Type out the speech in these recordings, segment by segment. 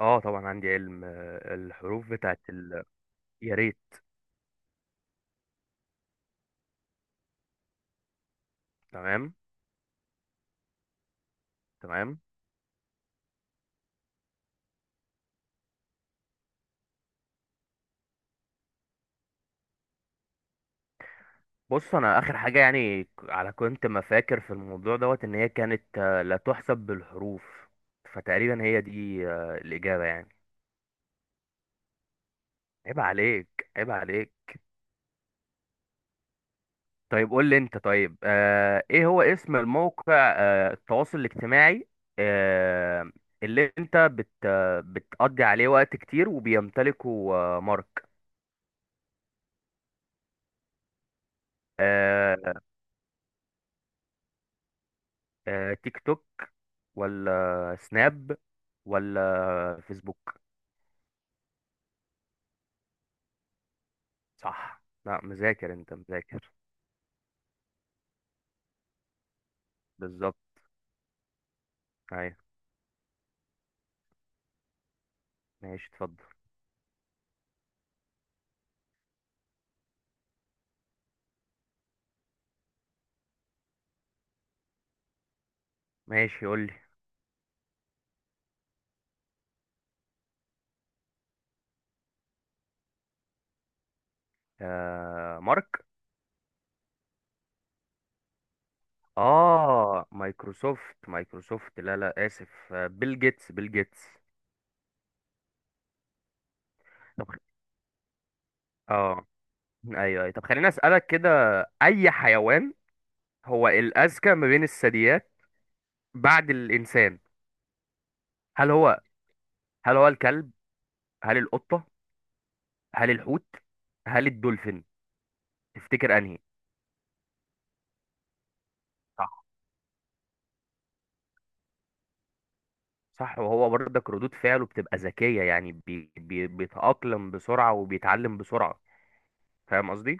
اه طبعا عندي علم. الحروف بتاعت ال... يا ريت. تمام. تمام. بص انا اخر حاجه يعني ك- على كنت ما فاكر في الموضوع دوت ان هي كانت لا تحسب بالحروف، فتقريبا هي دي الاجابه يعني. عيب عليك، عيب عليك. طيب قول لي انت. طيب ايه هو اسم الموقع التواصل الاجتماعي آه اللي انت بت آه، بتقضي عليه وقت كتير وبيمتلكه مارك. آه، تيك توك، ولا سناب، ولا فيسبوك؟ صح. لا مذاكر، انت مذاكر. بالظبط. ايوه. ماشي، اتفضل. ماشي قول لي. آه مارك. اه مايكروسوفت، مايكروسوفت، لا لا اسف، بيل جيتس، بيل جيتس. طب خ- اه. ايوه، أيوة. طب خليني اسالك كده، اي حيوان هو الاذكى ما بين الثدييات بعد الانسان؟ هل هو هل هو الكلب؟ هل القطه؟ هل الحوت؟ هل الدولفين؟ تفتكر انهي؟ صح. صح، وهو برضك ردود فعله بتبقى ذكية، يعني بي بي بيتأقلم بسرعة وبيتعلم بسرعة، فاهم قصدي؟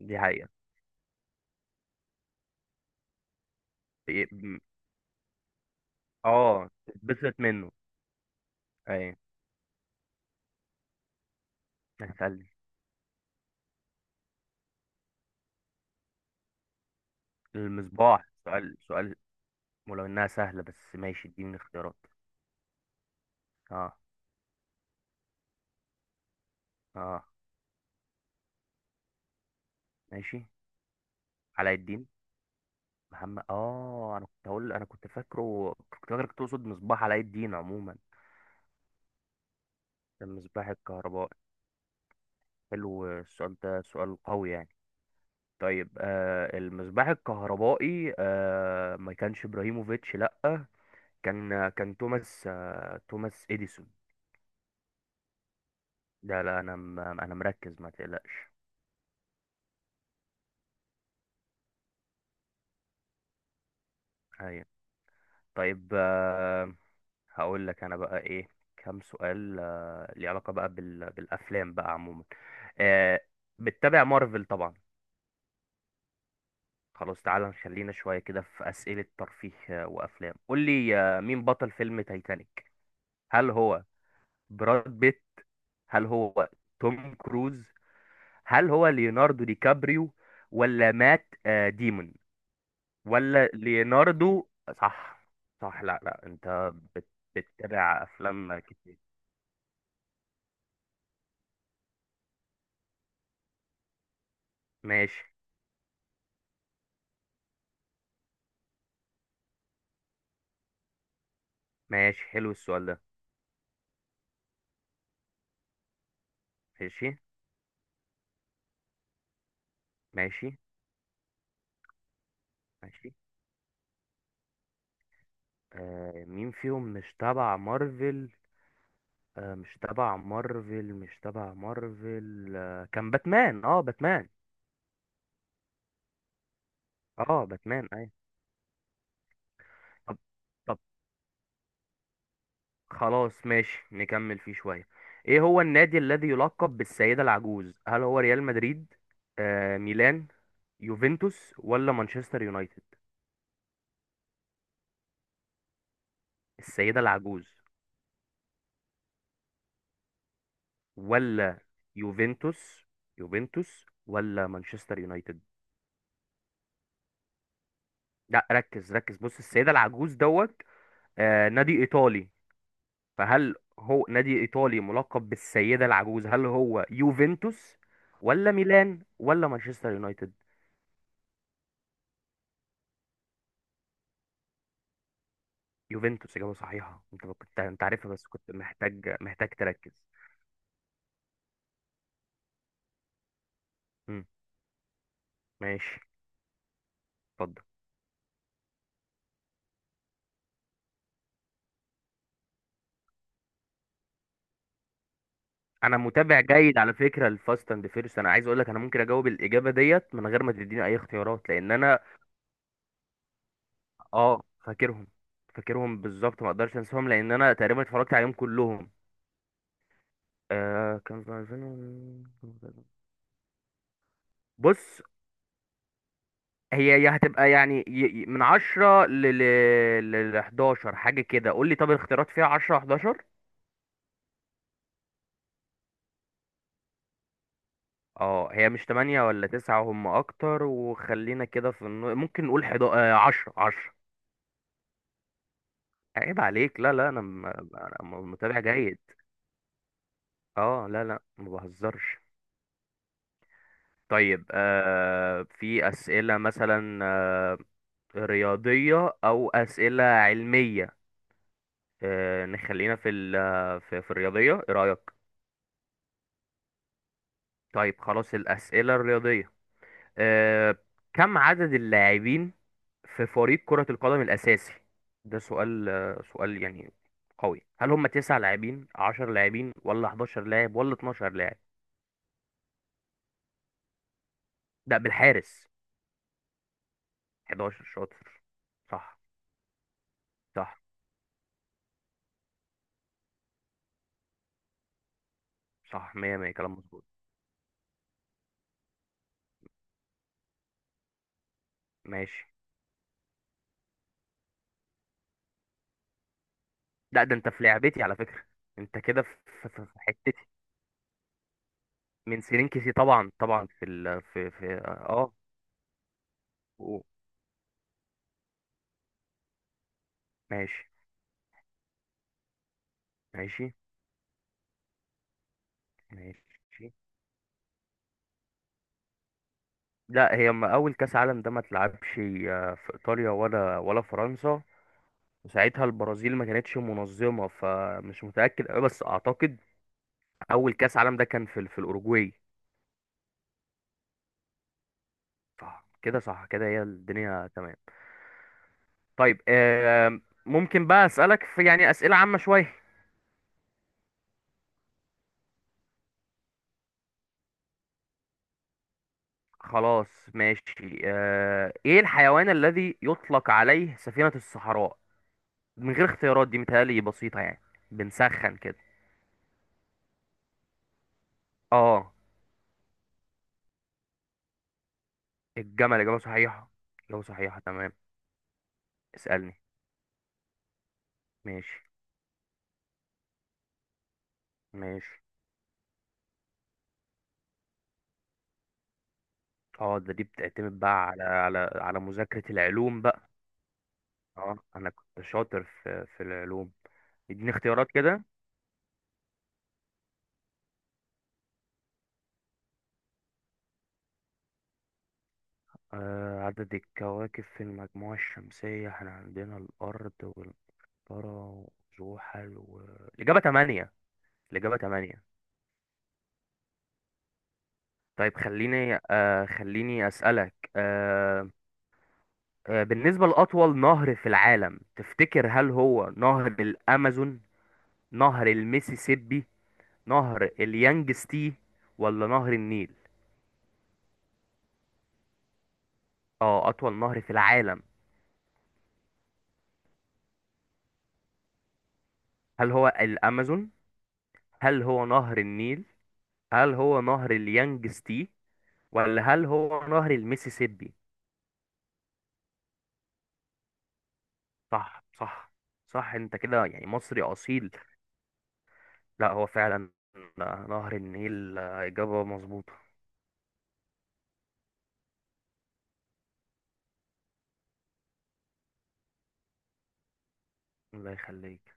دي حقيقة. بي- م- اه تتبسط منه. ايوه. هسأل. المصباح؟ سؤال، سؤال. ولو انها سهلة بس ماشي، اديني اختيارات. اه. اه. ماشي. علاء الدين. محمد، اه انا كنت هقول، انا كنت فاكره، كنت فاكرك تقصد مصباح علاء الدين عموما. المصباح الكهربائي؟ حلو السؤال ده، سؤال قوي يعني. طيب المصباح الكهربائي، ما كانش ابراهيموفيتش، لا، كان توماس، توماس اديسون. ده لا انا انا مركز ما تقلقش. ايوه. طيب آه، هقول لك انا بقى ايه، كام سؤال ليه علاقة بقى بالافلام بقى عموما. آه، بتتابع مارفل طبعا. خلاص تعالى نخلينا شوية كده في أسئلة ترفيه وأفلام. قول لي مين بطل فيلم تايتانيك؟ هل هو براد بيت؟ هل هو توم كروز؟ هل هو ليوناردو دي كابريو؟ ولا مات ديمون؟ ولا ليوناردو؟ صح. صح. لا لا بتتابع افلام كتير؟ ماشي. ماشي. حلو السؤال ده. ماشي. ماشي. ماشي. آه مين فيهم مش تبع مارفل؟ آه مش تبع مارفل، مش تبع مارفل، آه كان باتمان، اه باتمان. اه باتمان اي. طب، طب، خلاص ماشي نكمل فيه شوية. ايه هو النادي الذي يلقب بالسيدة العجوز؟ هل هو ريال مدريد؟ آه ميلان؟ يوفنتوس؟ ولا مانشستر يونايتد؟ السيدة العجوز؟ ولا يوفنتوس؟ يوفنتوس ولا مانشستر يونايتد؟ لا ركز، ركز، بص السيدة العجوز دوت آه نادي ايطالي. فهل هو نادي ايطالي ملقب بالسيدة العجوز؟ هل هو يوفنتوس؟ ولا ميلان؟ ولا مانشستر يونايتد؟ يوفنتوس إجابة صحيحة. أنت كنت، أنت عارفها بس كنت محتاج، محتاج تركز. مم. ماشي، اتفضل. أنا متابع جيد على فكرة لفاست أند فيرست، أنا عايز أقول لك أنا ممكن أجاوب الإجابة ديت من غير ما تديني أي اختيارات، لأن أنا، أه فاكرهم، فاكرهم بالظبط، ما أقدرش أنساهم لأن أنا تقريبا اتفرجت عليهم كلهم. كان في 2000، بص هي، هي هتبقى يعني من 10 ل 11 حاجة كده. قول لي طب الاختيارات فيها 10، 11. اه هي مش تمانية ولا تسعة، هم اكتر، وخلينا كده في النو... ممكن نقول حدا عشرة، عشرة. عيب عليك. لا لا انا, م... أنا متابع جيد. اه لا لا ما بهزرش. طيب آه في اسئلة مثلا آه، رياضية او اسئلة علمية، نخلينا في ال... في الرياضية، ايه رأيك؟ طيب خلاص الاسئلة الرياضية. آه كم عدد اللاعبين في فريق كرة القدم الأساسي؟ ده سؤال سؤال يعني قوي. هل هم تسع لاعبين، عشر لاعبين، ولا 11 لاعب، ولا 12 لاعب؟ ده بالحارس. 11 شاطر. صح. صح. صح، 100، 100 كلام مظبوط. ماشي. لا ده انت في لعبتي على فكرة، انت كده في، في حتتي. من سنين كتير، طبعا طبعا في ال، في اه. و- ماشي. ماشي. ماشي. لا هي ما اول كاس عالم ده ما اتلعبش في ايطاليا ولا فرنسا، وساعتها البرازيل ما كانتش منظمة، فمش متأكد أوي بس أعتقد أول كأس عالم ده كان في في الأوروجواي. صح كده. صح كده هي الدنيا تمام. طيب آم، ممكن بقى أسألك في يعني أسئلة عامة شوية. خلاص ماشي. آه، إيه الحيوان الذي يطلق عليه سفينة الصحراء؟ من غير اختيارات دي متهيألي بسيطة يعني، بنسخن كده. اه. الجمل إجابة صحيحة. إجابة صحيحة، تمام. اسألني. ماشي. ماشي. اه ده دي بتعتمد بقى على، على، على مذاكرة العلوم بقى. اه انا كنت شاطر في، في العلوم. اديني اختيارات كده. آه عدد الكواكب في المجموعة الشمسية، احنا عندنا الأرض والمشتري وزحل و... الإجابة تمانية. الإجابة تمانية. طيب خليني آه، خليني أسألك آه، آه بالنسبة لأطول نهر في العالم، تفتكر هل هو نهر الأمازون؟ نهر الميسيسيبي؟ نهر اليانجستي؟ ولا نهر النيل؟ اه اطول نهر في العالم. هل هو الامازون؟ هل هو نهر النيل؟ هل هو نهر اليانجستي؟ ولا هل هو نهر الميسيسيبي؟ صح. صح. صح انت كده يعني مصري اصيل. لا هو فعلا نهر النيل اجابة مظبوطة. الله يخليك.